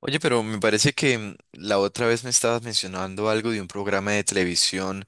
Oye, pero me parece que la otra vez me estabas mencionando algo de un programa de televisión.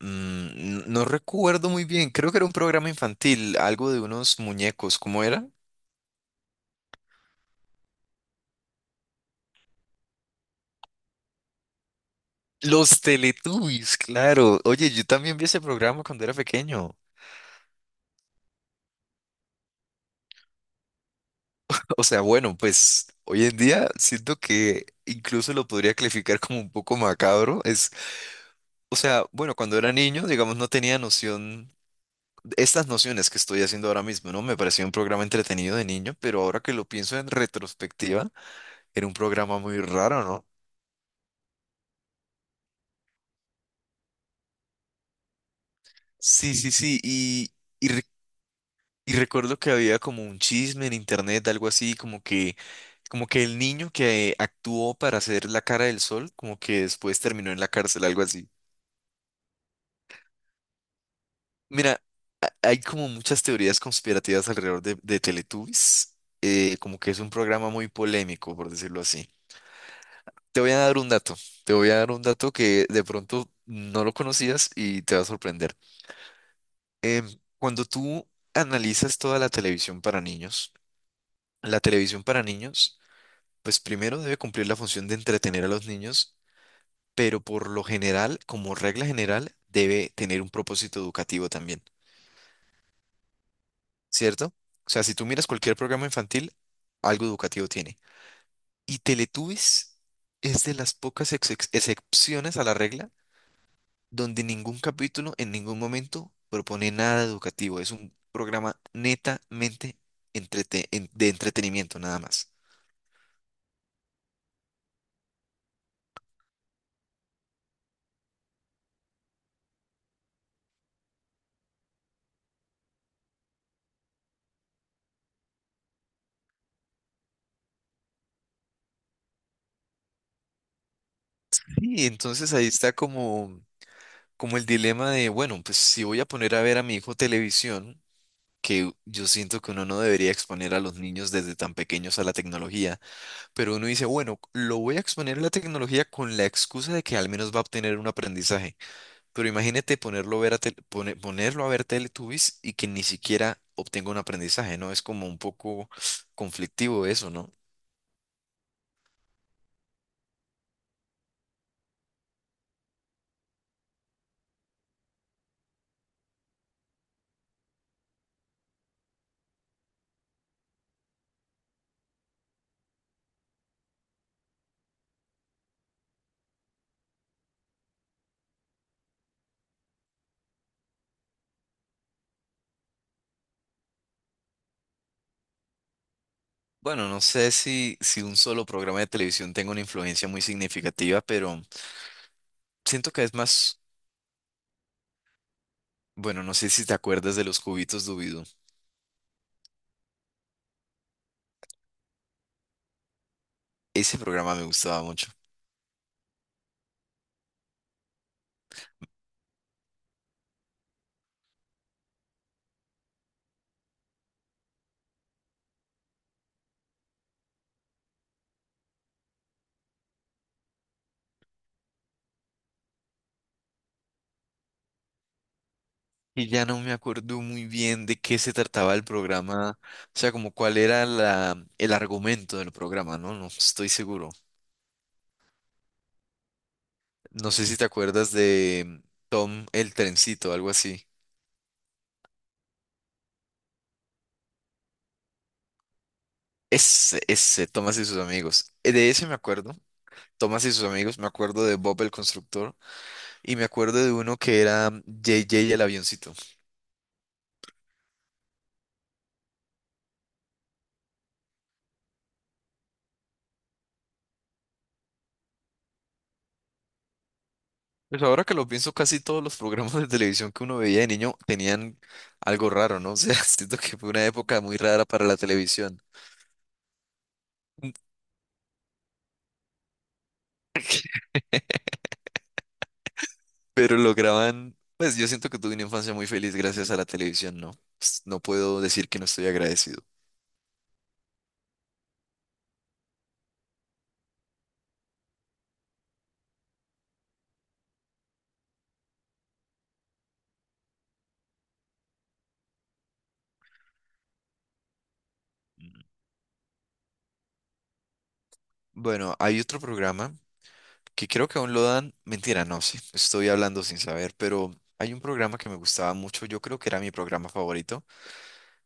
No recuerdo muy bien, creo que era un programa infantil, algo de unos muñecos, ¿cómo era? Los Teletubbies, claro. Oye, yo también vi ese programa cuando era pequeño. O sea, bueno, pues hoy en día siento que incluso lo podría calificar como un poco macabro. O sea, bueno, cuando era niño, digamos, no tenía noción estas nociones que estoy haciendo ahora mismo, ¿no? Me parecía un programa entretenido de niño, pero ahora que lo pienso en retrospectiva, era un programa muy raro, ¿no? Sí, sí, sí, y, re- y recuerdo que había como un chisme en internet, algo así, como que el niño que actuó para hacer la cara del sol, como que después terminó en la cárcel, algo así. Mira, hay como muchas teorías conspirativas alrededor de Teletubbies, como que es un programa muy polémico, por decirlo así. Te voy a dar un dato, Te voy a dar un dato que de pronto no lo conocías y te va a sorprender. Cuando tú analizas toda la televisión para niños, la televisión para niños, pues primero debe cumplir la función de entretener a los niños, pero por lo general, como regla general, debe tener un propósito educativo también, ¿cierto? O sea, si tú miras cualquier programa infantil, algo educativo tiene. Y Teletubbies es de las pocas excepciones a la regla donde ningún capítulo en ningún momento propone nada educativo. Es un programa netamente de entretenimiento, nada más. Y entonces ahí está como, como el dilema de, bueno, pues si voy a poner a ver a mi hijo televisión, que yo siento que uno no debería exponer a los niños desde tan pequeños a la tecnología, pero uno dice, bueno, lo voy a exponer a la tecnología con la excusa de que al menos va a obtener un aprendizaje. Pero imagínate ponerlo a ver ponerlo a ver Teletubbies y que ni siquiera obtenga un aprendizaje, ¿no? Es como un poco conflictivo eso, ¿no? Bueno, no sé si un solo programa de televisión tenga una influencia muy significativa, pero siento que es más, bueno, no sé si te acuerdas de los cubitos Dubidú. Ese programa me gustaba mucho. Y ya no me acuerdo muy bien de qué se trataba el programa, o sea, como cuál era la, el argumento del programa, ¿no? No estoy seguro. No sé si te acuerdas de Tom el Trencito, algo así. Ese, Thomas y sus amigos. De ese me acuerdo. Thomas y sus amigos, me acuerdo de Bob el Constructor y me acuerdo de uno que era JJ el avioncito. Pues ahora que lo pienso, casi todos los programas de televisión que uno veía de niño tenían algo raro, ¿no? O sea, siento que fue una época muy rara para la televisión. Pero lograban, pues yo siento que tuve una infancia muy feliz gracias a la televisión, ¿no? Pues, no puedo decir que no estoy agradecido. Bueno, hay otro programa que creo que aún lo dan, mentira, no, sí, estoy hablando sin saber, pero hay un programa que me gustaba mucho, yo creo que era mi programa favorito,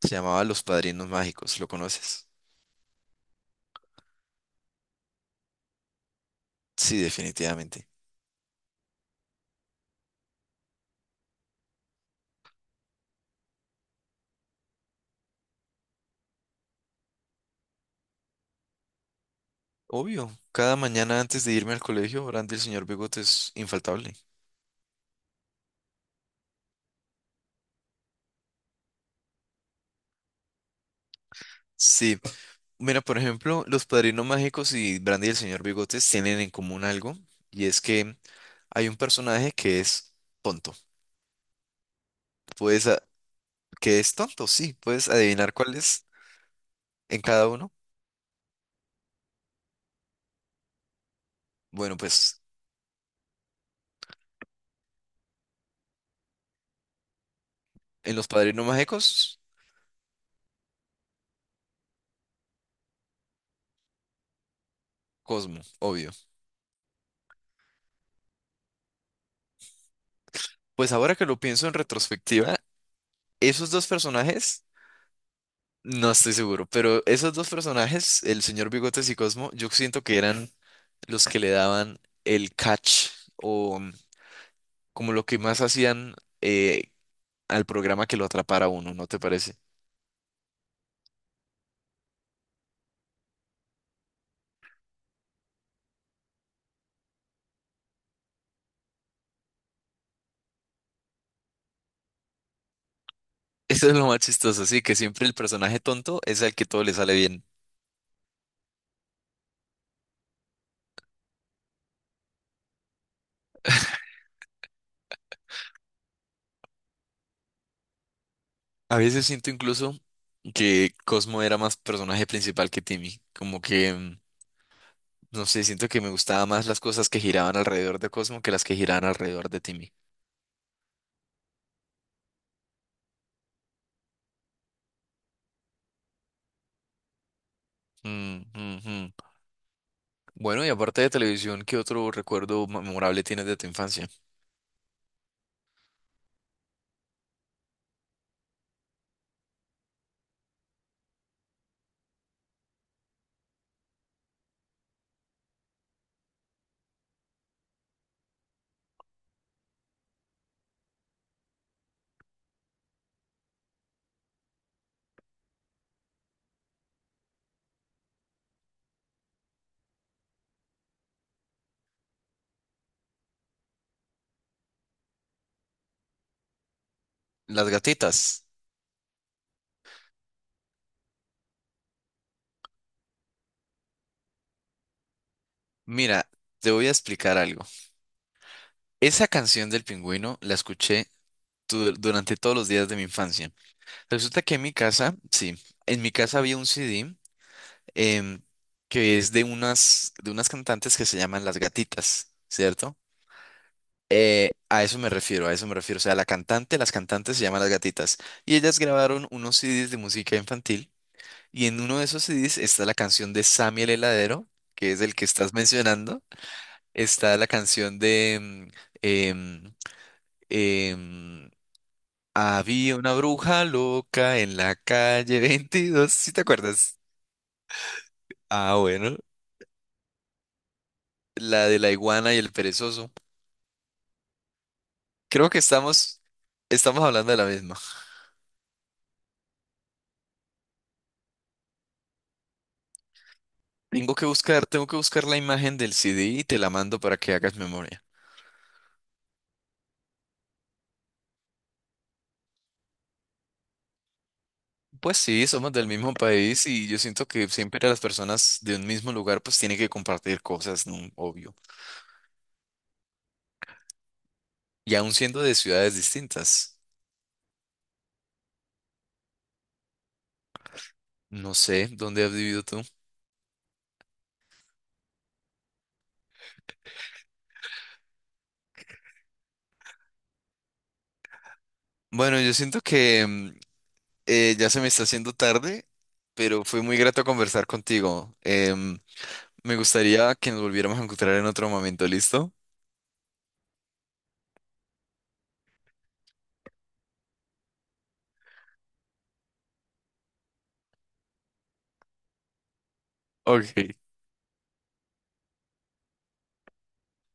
se llamaba Los Padrinos Mágicos, ¿lo conoces? Sí, definitivamente. Obvio, cada mañana antes de irme al colegio, Brandy el señor Bigote es infaltable. Sí, mira, por ejemplo, Los Padrinos Mágicos y Brandy y el señor Bigotes tienen en común algo, y es que hay un personaje que es tonto. Puedes, a- que es tonto, sí, puedes adivinar cuál es en cada uno. Bueno, pues en Los Padrinos Mágicos, Cosmo, obvio. Pues ahora que lo pienso en retrospectiva, esos dos personajes, no estoy seguro, pero esos dos personajes, el señor Bigotes y Cosmo, yo siento que eran los que le daban el catch o como lo que más hacían eh, al programa que lo atrapara a uno, ¿no te parece? Eso es lo más chistoso, sí, que siempre el personaje tonto es al que todo le sale bien. A veces siento incluso que Cosmo era más personaje principal que Timmy, como que... mm, no sé, siento que me gustaban más las cosas que giraban alrededor de Cosmo que las que giraban alrededor de Timmy. Mm, mm, mm. Bueno, y aparte de televisión, ¿qué otro recuerdo memorable tienes de tu infancia? Las Gatitas. Mira, te voy a explicar algo. Esa canción del pingüino la escuché durante todos los días de mi infancia. Resulta que en mi casa, sí, en mi casa había un CD em, que es de unas cantantes que se llaman Las Gatitas, ¿cierto? A eso me refiero, a eso me refiero. O sea, la cantante, las cantantes se llaman Las Gatitas. Y ellas grabaron unos CDs de música infantil. Y en uno de esos CDs está la canción de Sammy el Heladero, que es el que estás mencionando. Está la canción de... mm, em, em, Había una bruja loca en la calle 22. ¿Sí te acuerdas? Ah, bueno. La de la iguana y el perezoso. Creo que estamos hablando de la misma. Tengo que buscar la imagen del CD y te la mando para que hagas memoria. Pues sí, somos del mismo país y yo siento que siempre las personas de un mismo lugar pues tienen que compartir cosas, ¿no? Obvio. Y aún siendo de ciudades distintas. No sé, ¿dónde has vivido tú? Bueno, yo siento que ya se me está haciendo tarde, pero fue muy grato conversar contigo. Em, me gustaría que nos volviéramos a encontrar en otro momento, ¿listo? Ok.